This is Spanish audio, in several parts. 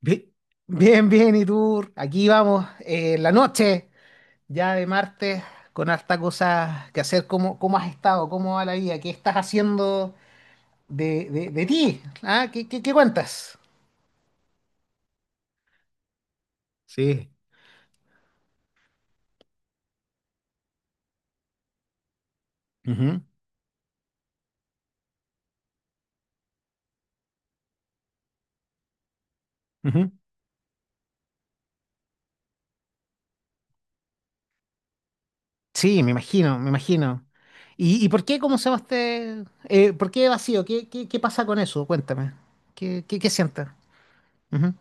Bi- Bien, bien, y tú, aquí vamos, la noche ya de martes, con harta cosa que hacer. ¿Cómo has estado? ¿Cómo va la vida? ¿Qué estás haciendo de ti? ¿Ah? ¿Qué cuentas? Sí, ujú, ujú. Sí, me imagino, me imagino. ¿Y por qué, cómo se llama este, por qué vacío? ¿Qué pasa con eso? Cuéntame. ¿Qué sientes? Ujú,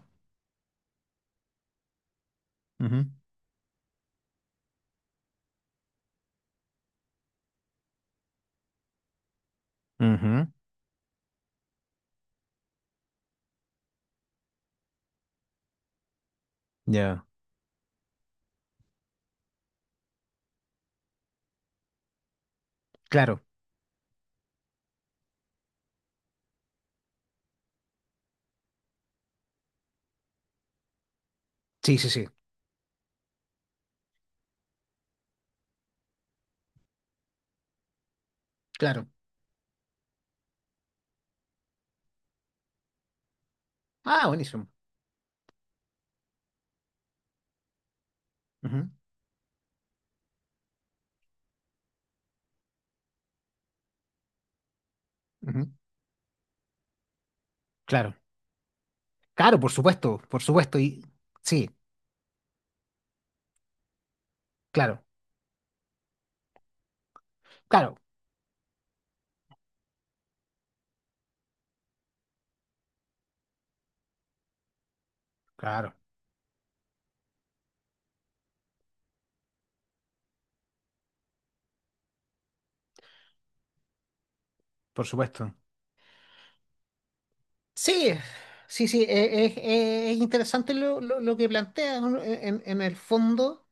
ujú, ujú. Ya. Claro. Sí, sí, sí. Claro. Ah, buenísimo. Ujú, ujú. Claro, claro, por supuesto, por supuesto. Y sí, claro, claro, claro, por supuesto. Sí, sí, sí, es interesante lo que plantea, ¿no? En el fondo,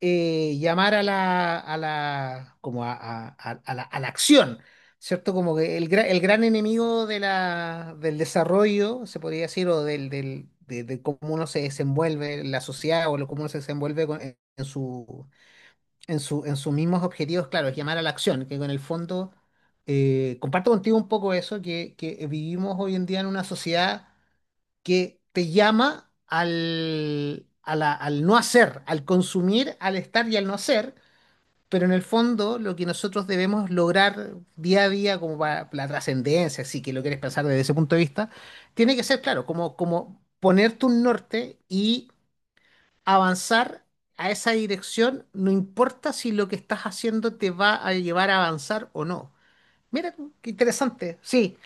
llamar a la, como a la acción, ¿cierto? Como que el gran enemigo del desarrollo, se podría decir, o de cómo uno se desenvuelve en la sociedad o cómo uno se desenvuelve en sus mismos objetivos, claro, es llamar a la acción, que en el fondo comparto contigo un poco eso, que vivimos hoy en día en una sociedad que te llama al no hacer, al consumir, al estar y al no hacer, pero en el fondo lo que nosotros debemos lograr día a día como para la trascendencia, si que lo quieres pensar desde ese punto de vista, tiene que ser, claro, como ponerte un norte y avanzar a esa dirección, no importa si lo que estás haciendo te va a llevar a avanzar o no. Mira tú, qué interesante. Sí,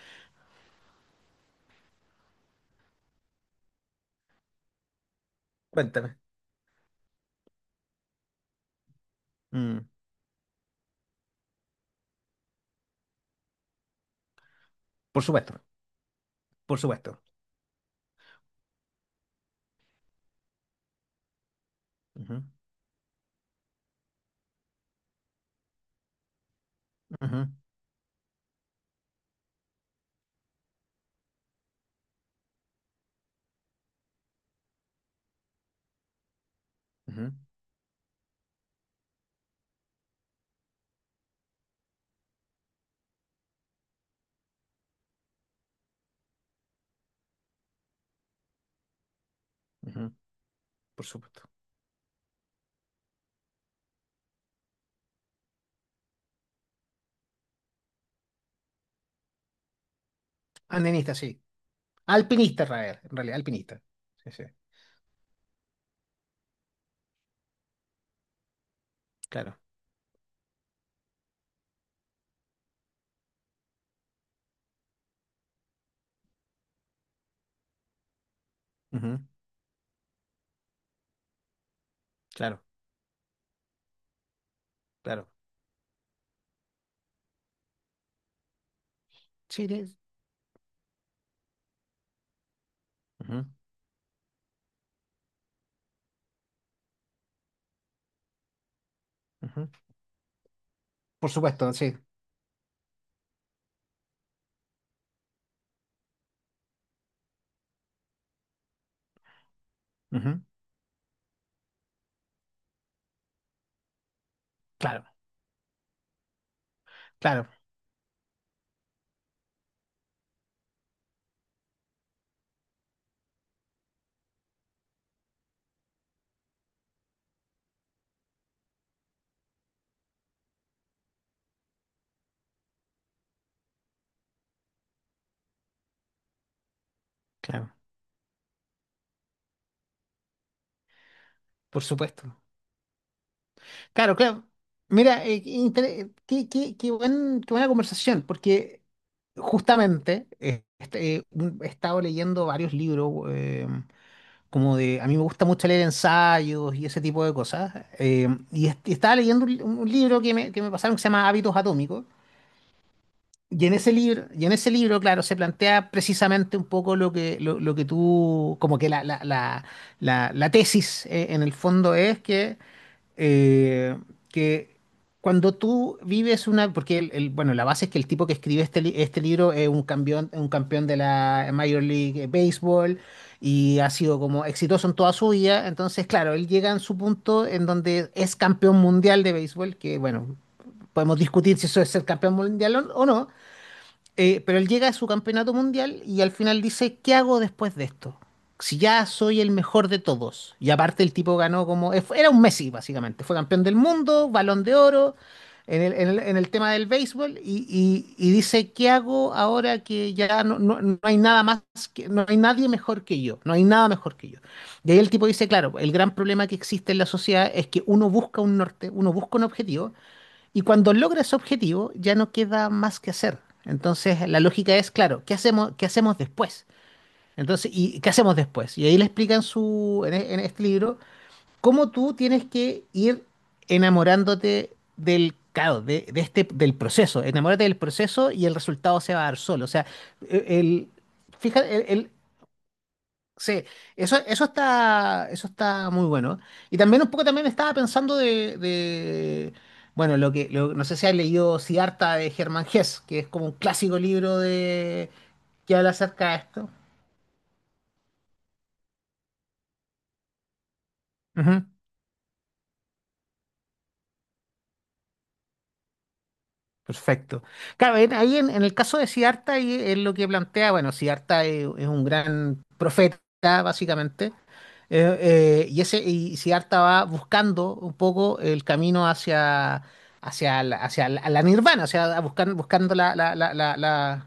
cuéntame. Mm, por supuesto, por supuesto. Ujú, ujú, ujú, ujú, por supuesto. Andenista, sí. Alpinista, Rael, en realidad, alpinista. Sí, sí. Claro, ujú, claro, claro. Sí, sí. Ujú, ujú, por supuesto, sí. Ujú, claro, claro, claro. Por supuesto. Claro, claro. Mira, qué, inter- qué- qué- qué buen- qué buena conversación, porque justamente he estado leyendo varios libros, a mí me gusta mucho leer ensayos y ese tipo de cosas, y estaba leyendo un libro que me pasaron que se llama Hábitos Atómicos, y en ese libro, claro, se plantea precisamente un poco lo que tú, como que la tesis, en el fondo es eh, que cuando tú vives una, porque bueno, la base es que el tipo que escribe este libro es un campeón de la Major League Baseball y ha sido como exitoso en toda su vida, entonces claro, él llega en su punto en donde es campeón mundial de béisbol, que bueno, podemos discutir si eso es ser campeón mundial o no, pero él llega a su campeonato mundial y al final dice, ¿qué hago después de esto? Si ya soy el mejor de todos. Y aparte el tipo ganó como era un Messi, básicamente. Fue campeón del mundo, balón de oro, en el tema del béisbol. Y dice, ¿qué hago ahora que ya no hay nada más, no hay nadie mejor que yo? No hay nada mejor que yo. Y ahí el tipo dice, claro, el gran problema que existe en la sociedad es que uno busca un norte, uno busca un objetivo y cuando logra ese objetivo, ya no queda más que hacer. Entonces, la lógica es, claro, ¿qué hacemos después? Entonces, ¿y qué hacemos después? Y ahí le explican en este libro cómo tú tienes que ir enamorándote del caos, del proceso. Enamórate del proceso y el resultado se va a dar solo. O sea, el, fíjate, sí, eso está muy bueno. Y también un poco también estaba pensando bueno, no sé si has leído Siddhartha de Germán Hesse, que es como un clásico libro de que habla acerca de esto. Perfecto. Claro, ahí en el caso de Siddhartha, ahí es lo que plantea, bueno, Siddhartha es un gran profeta, básicamente, y Siddhartha va buscando un poco el camino la nirvana, o sea, buscando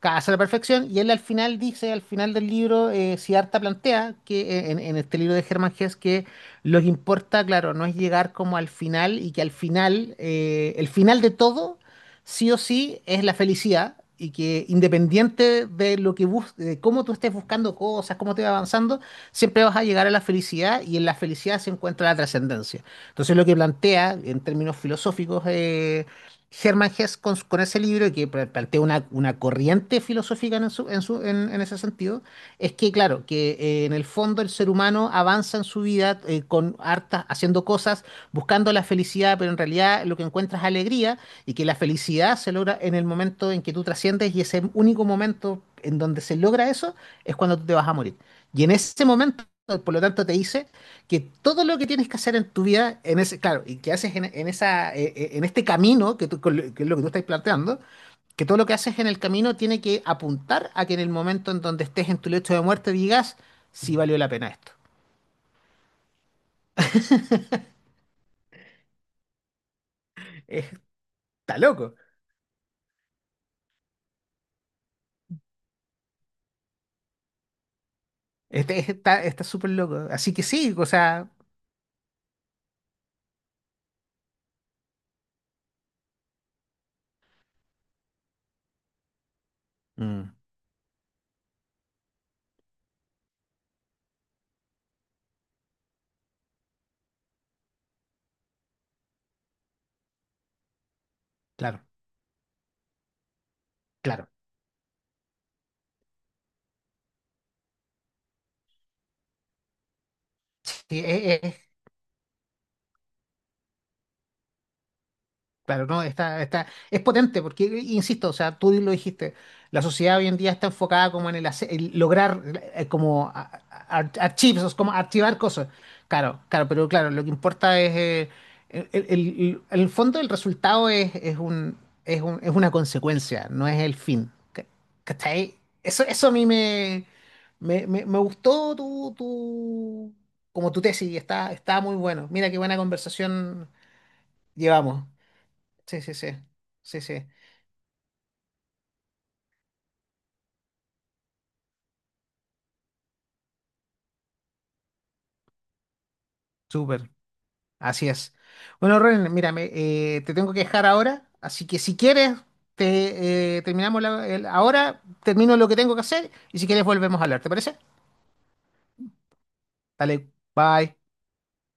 casa la perfección, y él al final dice, al final del libro, Siddhartha plantea que en este libro de Hermann Hesse que lo que importa, claro, no es llegar como al final y que al final, el final de todo, sí o sí, es la felicidad y que independiente de lo que bus de cómo tú estés buscando cosas, cómo te va avanzando, siempre vas a llegar a la felicidad y en la felicidad se encuentra la trascendencia. Entonces lo que plantea en términos filosóficos Hermann Hesse con ese libro que plantea una corriente filosófica en ese sentido, es que, claro, que en el fondo el ser humano avanza en su vida con harta, haciendo cosas, buscando la felicidad, pero en realidad lo que encuentras es alegría y que la felicidad se logra en el momento en que tú trasciendes y ese único momento en donde se logra eso es cuando tú te vas a morir. Y en ese momento, por lo tanto, te dice que todo lo que tienes que hacer en tu vida, claro, y que haces en esa, en este camino, que es lo que tú estás planteando, que todo lo que haces en el camino tiene que apuntar a que en el momento en donde estés en tu lecho de muerte digas, sí valió la pena esto. Eh, Está loco. Está está súper loco. Así que sí, o sea, mm, claro, claro. Sí, es. Claro, no, está, es potente porque, insisto, o sea, tú lo dijiste, la sociedad hoy en día está enfocada como el lograr, como archivos, como archivar cosas. Claro, claro, pero claro, lo que importa es, el, el- el fondo del resultado es una consecuencia, no es el fin. ¿Cachai? Eso a mí me gustó como tu tesis, está muy bueno. Mira qué buena conversación llevamos. Sí, sí, sí. Sí, sí. Súper. Así es. Bueno, Ren, mírame, te tengo que dejar ahora, así que si quieres, te terminamos la- el- ahora, termino lo que tengo que hacer y si quieres volvemos a hablar, ¿te parece? Dale, bye.